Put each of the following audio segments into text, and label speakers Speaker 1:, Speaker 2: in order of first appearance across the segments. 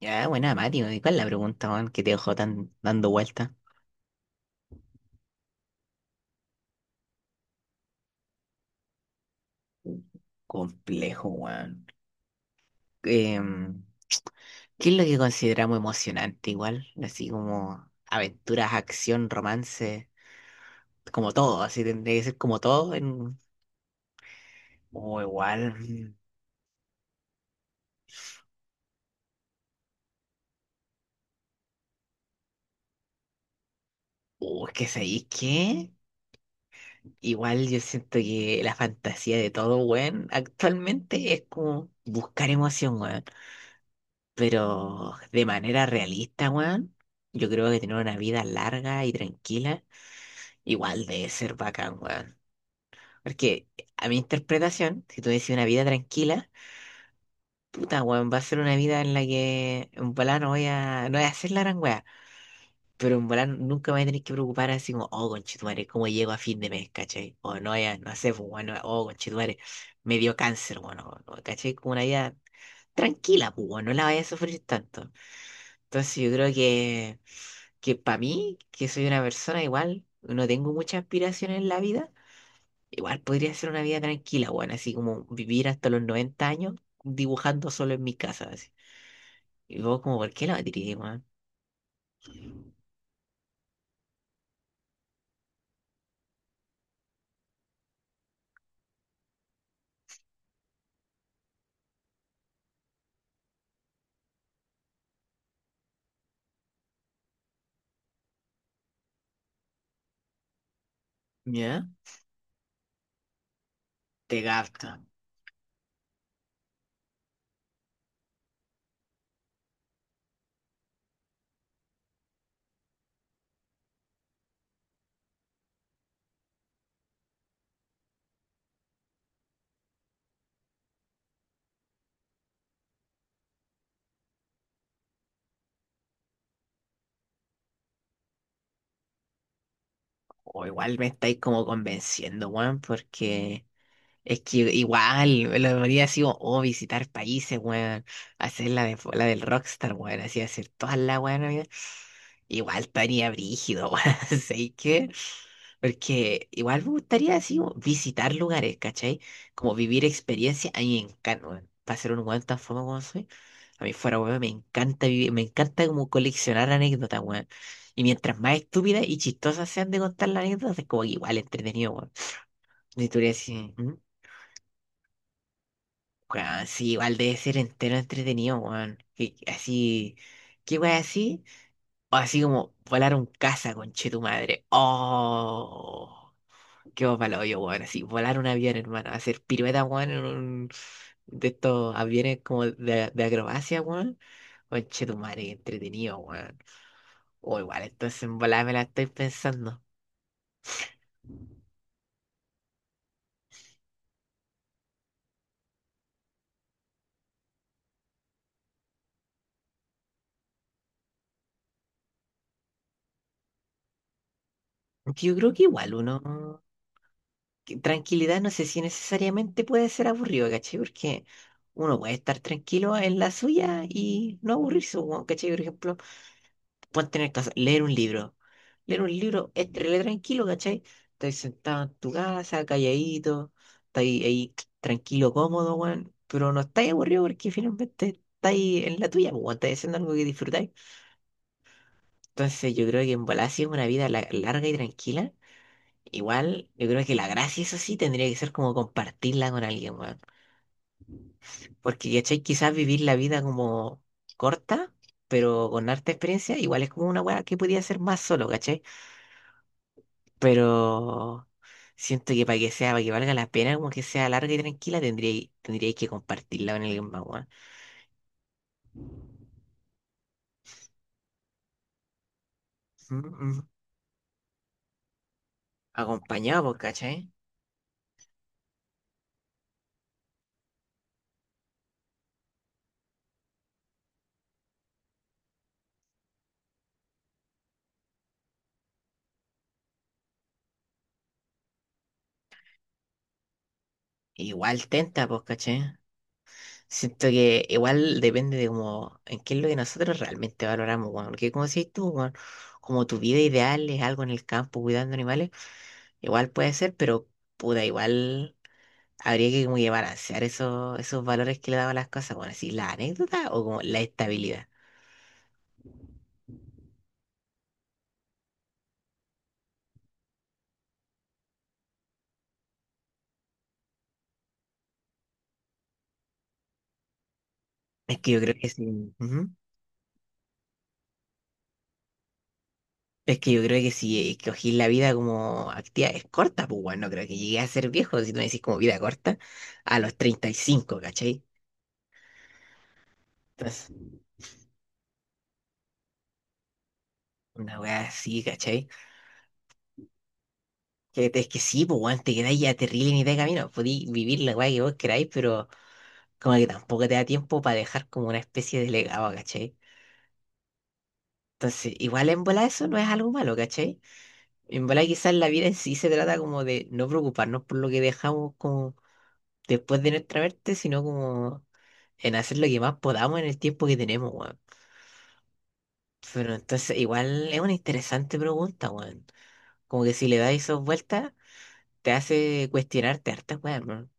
Speaker 1: Ya, buena, Mati, weón. ¿Cuál es la pregunta, weón, que te dejó tan dando vuelta? Complejo, weón. Em, ¿Qué es lo que consideramos emocionante igual? Así como aventuras, acción, romance, como todo, así tendría que ser como todo en... O igual, o es que sabéis qué, igual yo siento que la fantasía de todo, weón, actualmente es como buscar emoción, weón, pero de manera realista, weón. Yo creo que tener una vida larga y tranquila igual debe ser bacán, weón. Porque a mi interpretación, si tú decís una vida tranquila, puta, weón, va a ser una vida en la que en volá no voy a hacer la gran weá. Pero en volá nunca me voy a tener que preocupar así como, oh, conchetumare, ¿cómo llego a fin de mes, cachai? O no, ya, no sé, pues, bueno, oh, conchetumare, me dio cáncer, bueno, no, cachai, como una vida tranquila, pues, weón, no la vaya a sufrir tanto. Entonces yo creo que para mí, que soy una persona igual, no tengo muchas aspiraciones en la vida. Igual podría ser una vida tranquila, weón, así como vivir hasta los 90 años dibujando solo en mi casa, así. Y vos como, ¿por qué la batería, weón? ¿Ya? Te capta. O igual me estáis como convenciendo, weón, porque es que igual, lo debería así, como, oh, visitar países, weón. Hacer la del rockstar, weón. Así, hacer todas las weón, amiga. Igual estaría brígido, weón. ¿Sabes qué? Porque igual me gustaría así, como, visitar lugares, ¿cachai? Como vivir experiencias. A mí me encanta, weón. Para ser un weón tan famoso como soy. A mí fuera, weón, me encanta vivir, me encanta como coleccionar anécdotas, weón. Y mientras más estúpidas y chistosas sean de contar las anécdotas, es como que igual entretenido, weón. Y tú dirías así, ¿mm? Weón, sí, igual debe ser entero entretenido, weón. Así, ¿qué weón así? O así como volar un caza, conche tu madre. Oh, qué palo yo, weón. Así, volar un avión, hermano. Hacer pirueta, weón, en un de estos aviones como de acrobacia, weón. Conche tu madre, qué entretenido, weón. O igual, entonces en volada me la estoy pensando. Aunque yo creo que igual uno, que tranquilidad no sé si necesariamente puede ser aburrido, ¿cachai? Porque uno puede estar tranquilo en la suya y no aburrirse, weón, ¿cachai? Por ejemplo, pueden tener casa, leer un libro. Leer un libro es re tranquilo, ¿cachai? Estás sentado en tu casa, calladito, estás ahí tranquilo, cómodo, weón, pero no estás aburrido porque finalmente estás ahí en la tuya, weón, estás haciendo algo que disfrutáis. Entonces yo creo que en bola, si es una vida larga y tranquila. Igual, yo creo que la gracia es así, tendría que ser como compartirla con alguien, weón. Porque, ¿cachai? Quizás vivir la vida como corta, pero con harta experiencia, igual es como una weá que podía ser más solo, ¿cachai? Pero siento que para que valga la pena, como que sea larga y tranquila, tendría que compartirla con alguien más, weón. Mm, mm. Acompañado, pues, ¿cachai? Igual tenta, pues, ¿cachai? Siento que igual depende de como en qué es lo que nosotros realmente valoramos, weón. Porque como decís tú, weón, como tu vida ideal es algo en el campo cuidando animales, igual puede ser, pero puta, igual habría que como que balancear esos valores que le daban las cosas, bueno, así la anécdota o como la estabilidad. Es que yo creo que sí. Ujú. Es que yo creo que si escogís la vida como actividades cortas, pues bueno, no creo que llegué a ser viejo, si no decís como vida corta, a los 35 ¿cachai? Entonces, una weá así, ¿cachai? Que, es que sí, pues, weón, te quedáis a terrible ni de camino. Podí vivir la weá que vos queráis, pero como que tampoco te da tiempo para dejar como una especie de legado, ¿cachai? Entonces, igual en bola eso no es algo malo, ¿cachai? En bola quizás la vida en sí se trata como de no preocuparnos por lo que dejamos como después de nuestra muerte, sino como en hacer lo que más podamos en el tiempo que tenemos, weón. Pero entonces, igual es una interesante pregunta, weón. Como que si le das esas vueltas, te hace cuestionarte hartas, weón.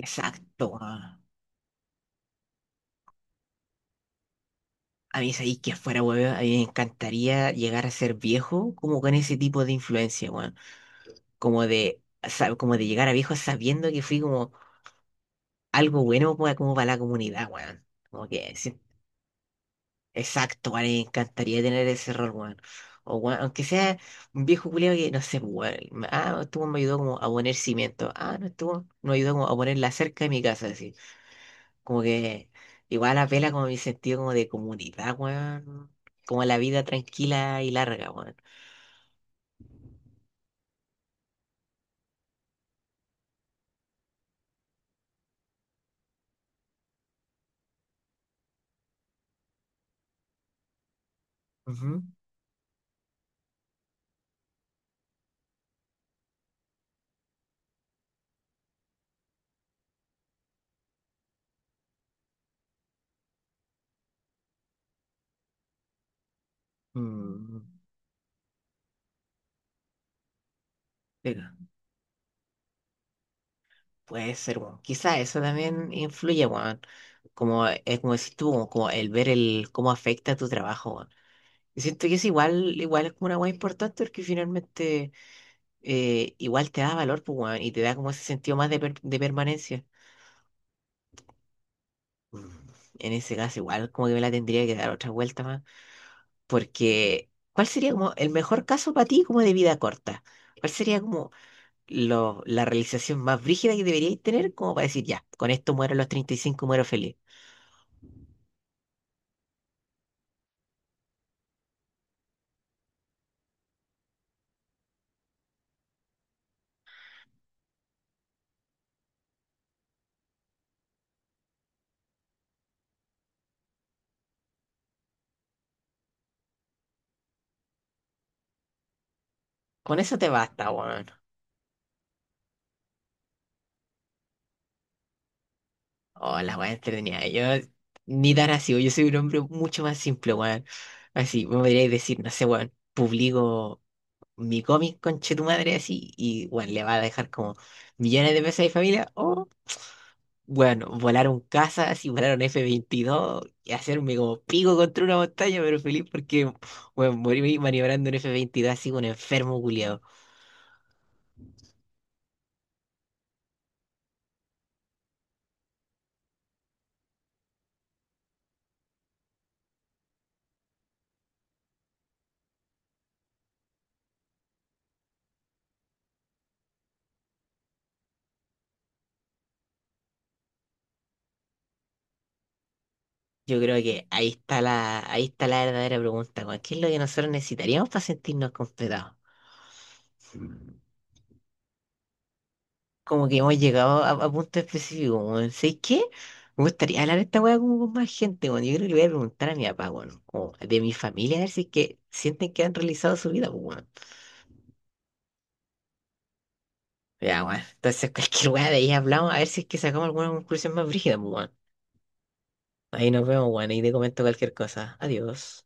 Speaker 1: Exacto. A mí, sabéis que fuera, weón, a mí me encantaría llegar a ser viejo como con ese tipo de influencia, weón. Como como de llegar a viejo sabiendo que fui como algo bueno como para la comunidad, weón. Como que, sí, exacto, weón, me encantaría tener ese rol, weón. O, weón, aunque sea un viejo culiao que, no sé, weón, ah, estuvo, me ayudó como a poner cimiento. Ah, no estuvo, me ayudó como a poner la cerca de mi casa, así. Como que igual apela como a mi sentido como de comunidad, weón. Como la vida tranquila y larga, weón. Ujú. Mm. Venga, puede ser, weón. Quizá eso también influye, weón. Como es como decís tú, como, como el ver el cómo afecta tu trabajo, weón. Y siento que es igual es como una weá importante porque finalmente igual te da valor, pues, weón, y te da como ese sentido más de permanencia. Mm. En ese caso, igual como que me la tendría que dar otra vuelta más. Porque, ¿cuál sería como el mejor caso para ti como de vida corta? ¿Cuál sería como la realización más brígida que deberíais tener como para decir, ya, con esto muero a los 35 muero feliz? Con eso te basta, weón. Oh, la weá entretenida. Yo ni tan así, weón. Yo soy un hombre mucho más simple, weón. Así, me podríais decir, no sé, weón, publico mi cómic, conche tu madre, así, y, weón, le va a dejar como millones de pesos a mi familia. Bueno, volaron casas y volaron F-22 y hacerme como pico contra una montaña, pero feliz porque, bueno, morí maniobrando un F-22 así como un enfermo culiado. Yo creo que ahí está la verdadera pregunta, weón. ¿Qué es lo que nosotros necesitaríamos para sentirnos completados? Como que hemos llegado a punto específico, weón. ¿Sabes qué? Me gustaría hablar de esta weá como con más gente, weón. Yo creo que le voy a preguntar a mi papá, weón, como de mi familia, a ver si es que sienten que han realizado su vida, pues, weón. Ya, weón. Entonces, cualquier weá de ahí hablamos, a ver si es que sacamos alguna conclusión más brígida, pues, weón. Ahí nos vemos, weón, y te comento cualquier cosa. Adiós.